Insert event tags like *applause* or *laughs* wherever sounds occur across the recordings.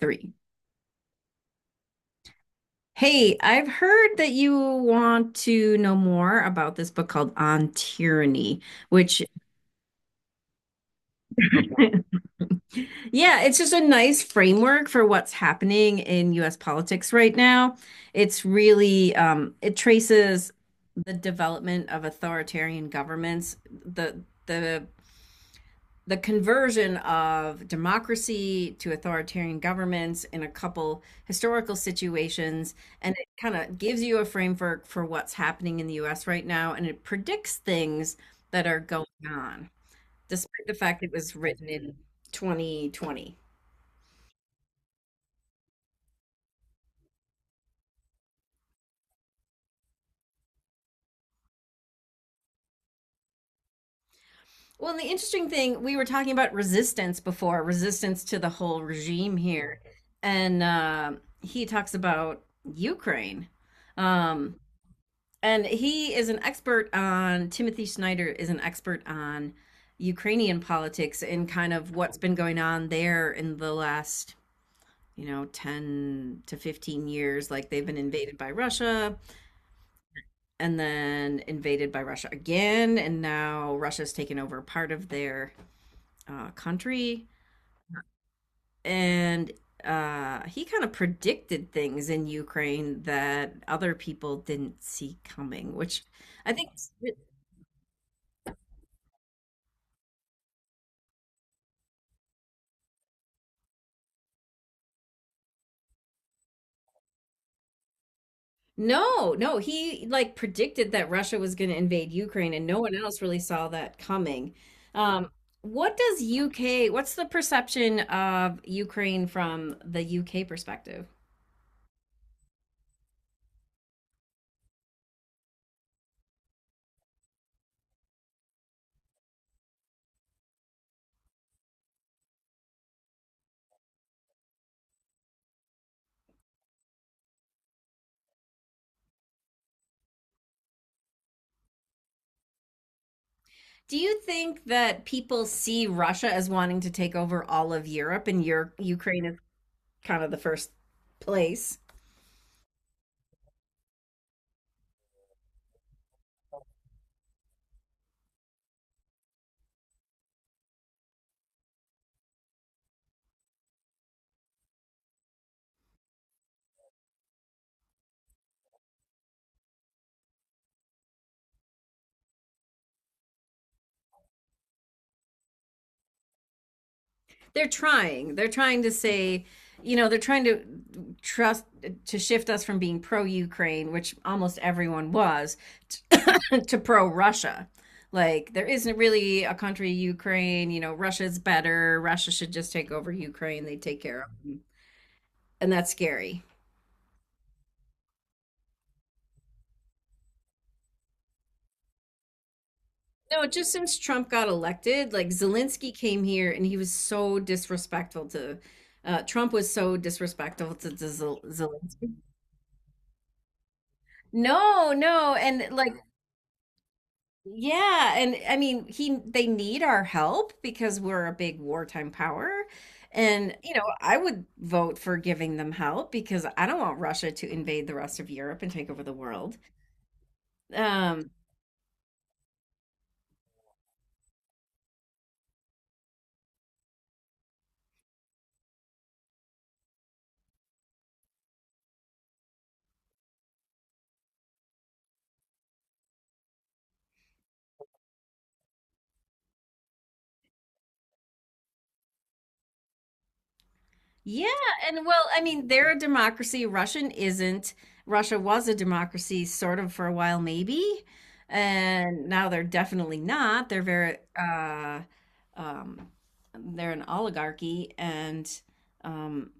Three. Hey, I've heard that you want to know more about this book called On Tyranny, which, *laughs* yeah, it's just a nice framework for what's happening in US politics right now. It's really, it traces the development of authoritarian governments, the the conversion of democracy to authoritarian governments in a couple historical situations, and it kind of gives you a framework for what's happening in the US right now, and it predicts things that are going on despite the fact it was written in 2020. Well, and the interesting thing, we were talking about resistance before, resistance to the whole regime here. And he talks about Ukraine, um, and he is an expert on Timothy Snyder is an expert on Ukrainian politics and kind of what's been going on there in the last, you know, 10 to 15 years. Like, they've been invaded by Russia, and then invaded by Russia again, and now Russia's taken over part of their country. And he kind of predicted things in Ukraine that other people didn't see coming, which I think is No, no, he like predicted that Russia was going to invade Ukraine and no one else really saw that coming. Um, what's the perception of Ukraine from the UK perspective? Do you think that people see Russia as wanting to take over all of Europe and your Ukraine is kind of the first place? They're trying. They're trying to say, you know, they're trying to trust to shift us from being pro Ukraine, which almost everyone was, to, *coughs* to pro Russia. Like there isn't really a country Ukraine, you know, Russia's better. Russia should just take over Ukraine. They take care of them. And that's scary. No, just since Trump got elected, like Zelensky came here and he was so disrespectful to Trump was so disrespectful to Zelensky. No, no, and like Yeah, and I mean, he they need our help because we're a big wartime power. And, you know, I would vote for giving them help because I don't want Russia to invade the rest of Europe and take over the world. Um, yeah, and well, I mean, they're a democracy. Russian isn't. Russia was a democracy sort of for a while, maybe. And now they're definitely not. They're very um they're an oligarchy. And um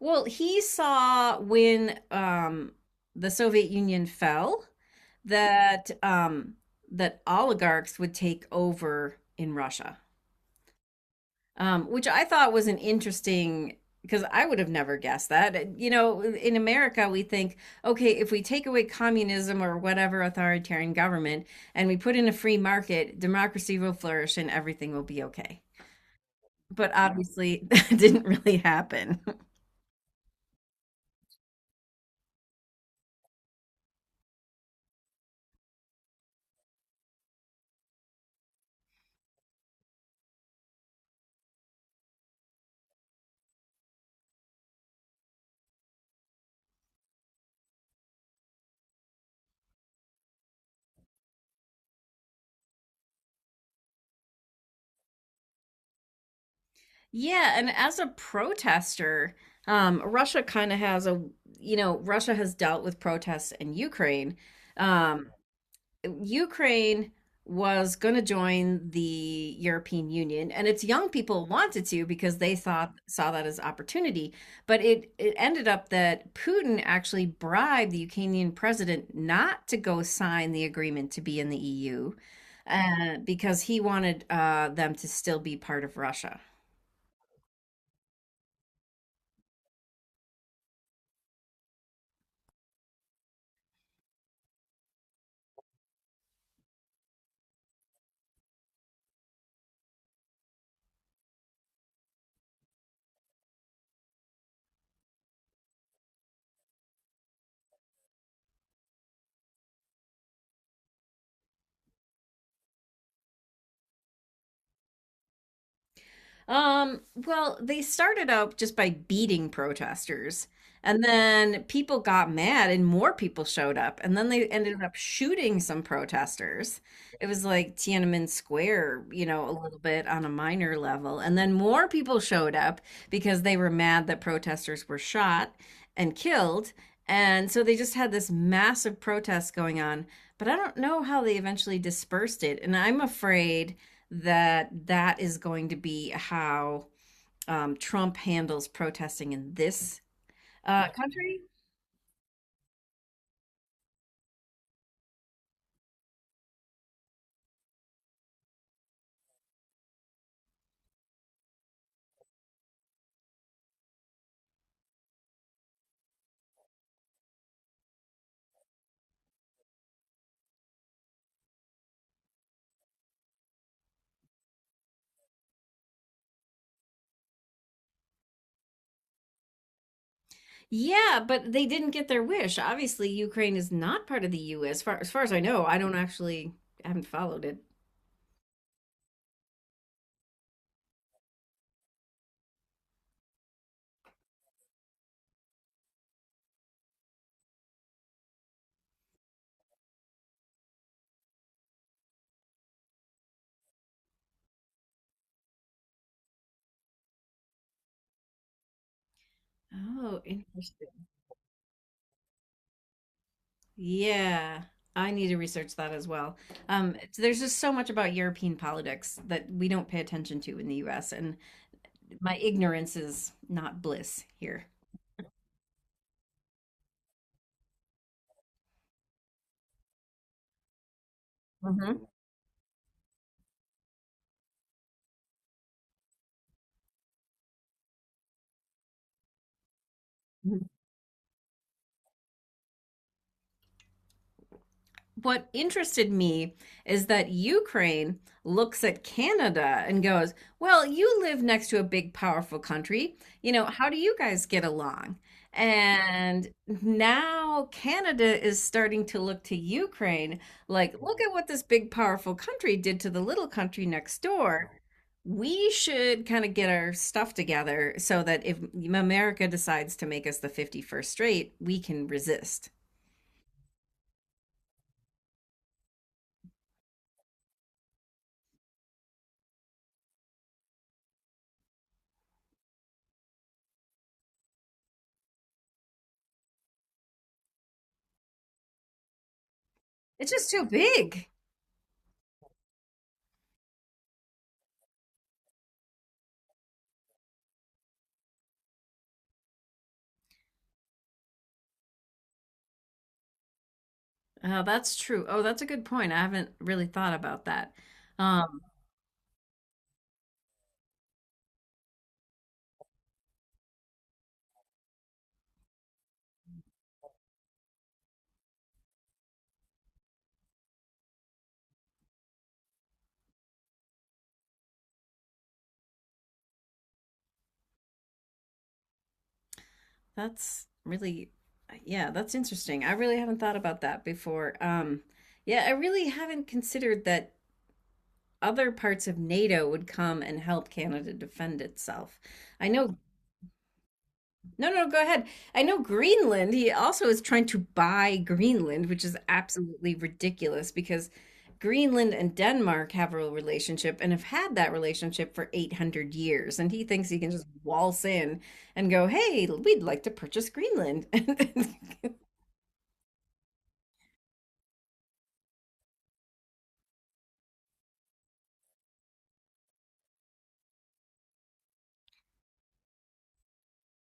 Well, he saw when the Soviet Union fell that that oligarchs would take over in Russia, which I thought was an interesting, because I would have never guessed that. You know, in America, we think, okay, if we take away communism or whatever authoritarian government and we put in a free market, democracy will flourish and everything will be okay. But Yeah. obviously, *laughs* that didn't really happen. Yeah, and as a protester, Russia kind of has a, you know, Russia has dealt with protests in Ukraine. Um, Ukraine was going to join the European Union, and its young people wanted to because they thought saw that as opportunity. But it ended up that Putin actually bribed the Ukrainian president not to go sign the agreement to be in the EU, because he wanted them to still be part of Russia. Well, they started out just by beating protesters, and then people got mad, and more people showed up, and then they ended up shooting some protesters. It was like Tiananmen Square, you know, a little bit on a minor level, and then more people showed up because they were mad that protesters were shot and killed, and so they just had this massive protest going on. But I don't know how they eventually dispersed it, and I'm afraid that that is going to be how Trump handles protesting in this country. Yeah, but they didn't get their wish. Obviously, Ukraine is not part of the U.S. Far as I know, I don't actually I haven't followed it. Oh, interesting. Yeah, I need to research that as well. It's- there's just so much about European politics that we don't pay attention to in the U.S., and my ignorance is not bliss here. Mhm. What interested me is that Ukraine looks at Canada and goes, well, you live next to a big, powerful country. You know, how do you guys get along? And now Canada is starting to look to Ukraine like, look at what this big, powerful country did to the little country next door. We should kind of get our stuff together so that if America decides to make us the 51st state, we can resist. It's just too big. Oh, that's true. Oh, that's a good point. I haven't really thought about that. Um, that's really, yeah, that's interesting. I really haven't thought about that before. Yeah, I really haven't considered that other parts of NATO would come and help Canada defend itself. I know No, no, go ahead. I know Greenland, he also is trying to buy Greenland, which is absolutely ridiculous because Greenland and Denmark have a relationship and have had that relationship for 800 years. And he thinks he can just waltz in and go, hey, we'd like to purchase Greenland. *laughs*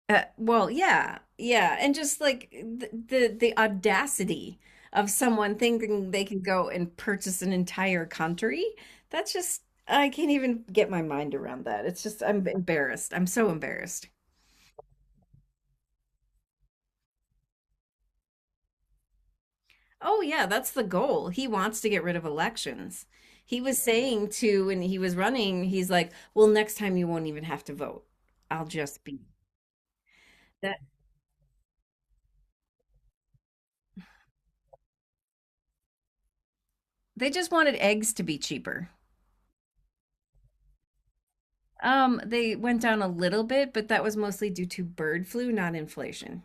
Well, yeah, yeah, and just like the audacity of someone thinking they can go and purchase an entire country. That's just I can't even get my mind around that. It's just I'm embarrassed. I'm so embarrassed. Oh yeah, that's the goal. He wants to get rid of elections. He was saying to when he was running, he's like, "Well, next time you won't even have to vote. I'll just be that." They just wanted eggs to be cheaper. They went down a little bit, but that was mostly due to bird flu, not inflation.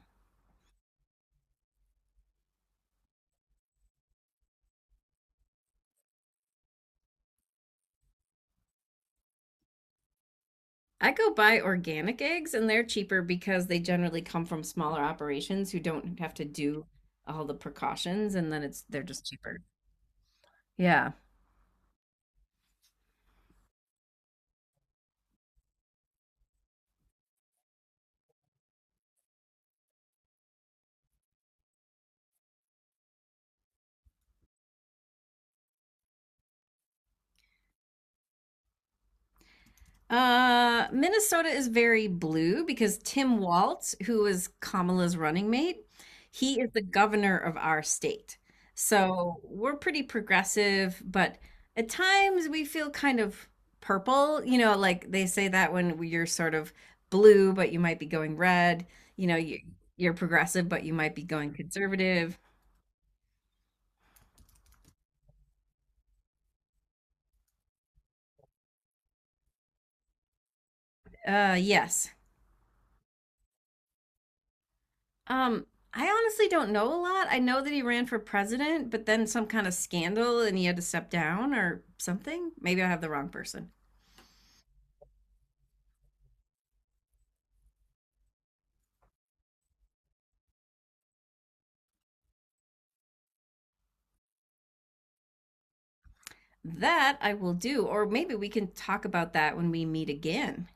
I go buy organic eggs and they're cheaper because they generally come from smaller operations who don't have to do all the precautions and then it's they're just cheaper. Yeah. Minnesota is very blue because Tim Walz, who is Kamala's running mate, he is the governor of our state. So we're pretty progressive, but at times we feel kind of purple. You know, like they say that when you're sort of blue, but you might be going red. You know, you, you're progressive, but you might be going conservative. Yes. Um, I honestly don't know a lot. I know that he ran for president, but then some kind of scandal and he had to step down or something. Maybe I have the wrong person. That I will do, or maybe we can talk about that when we meet again.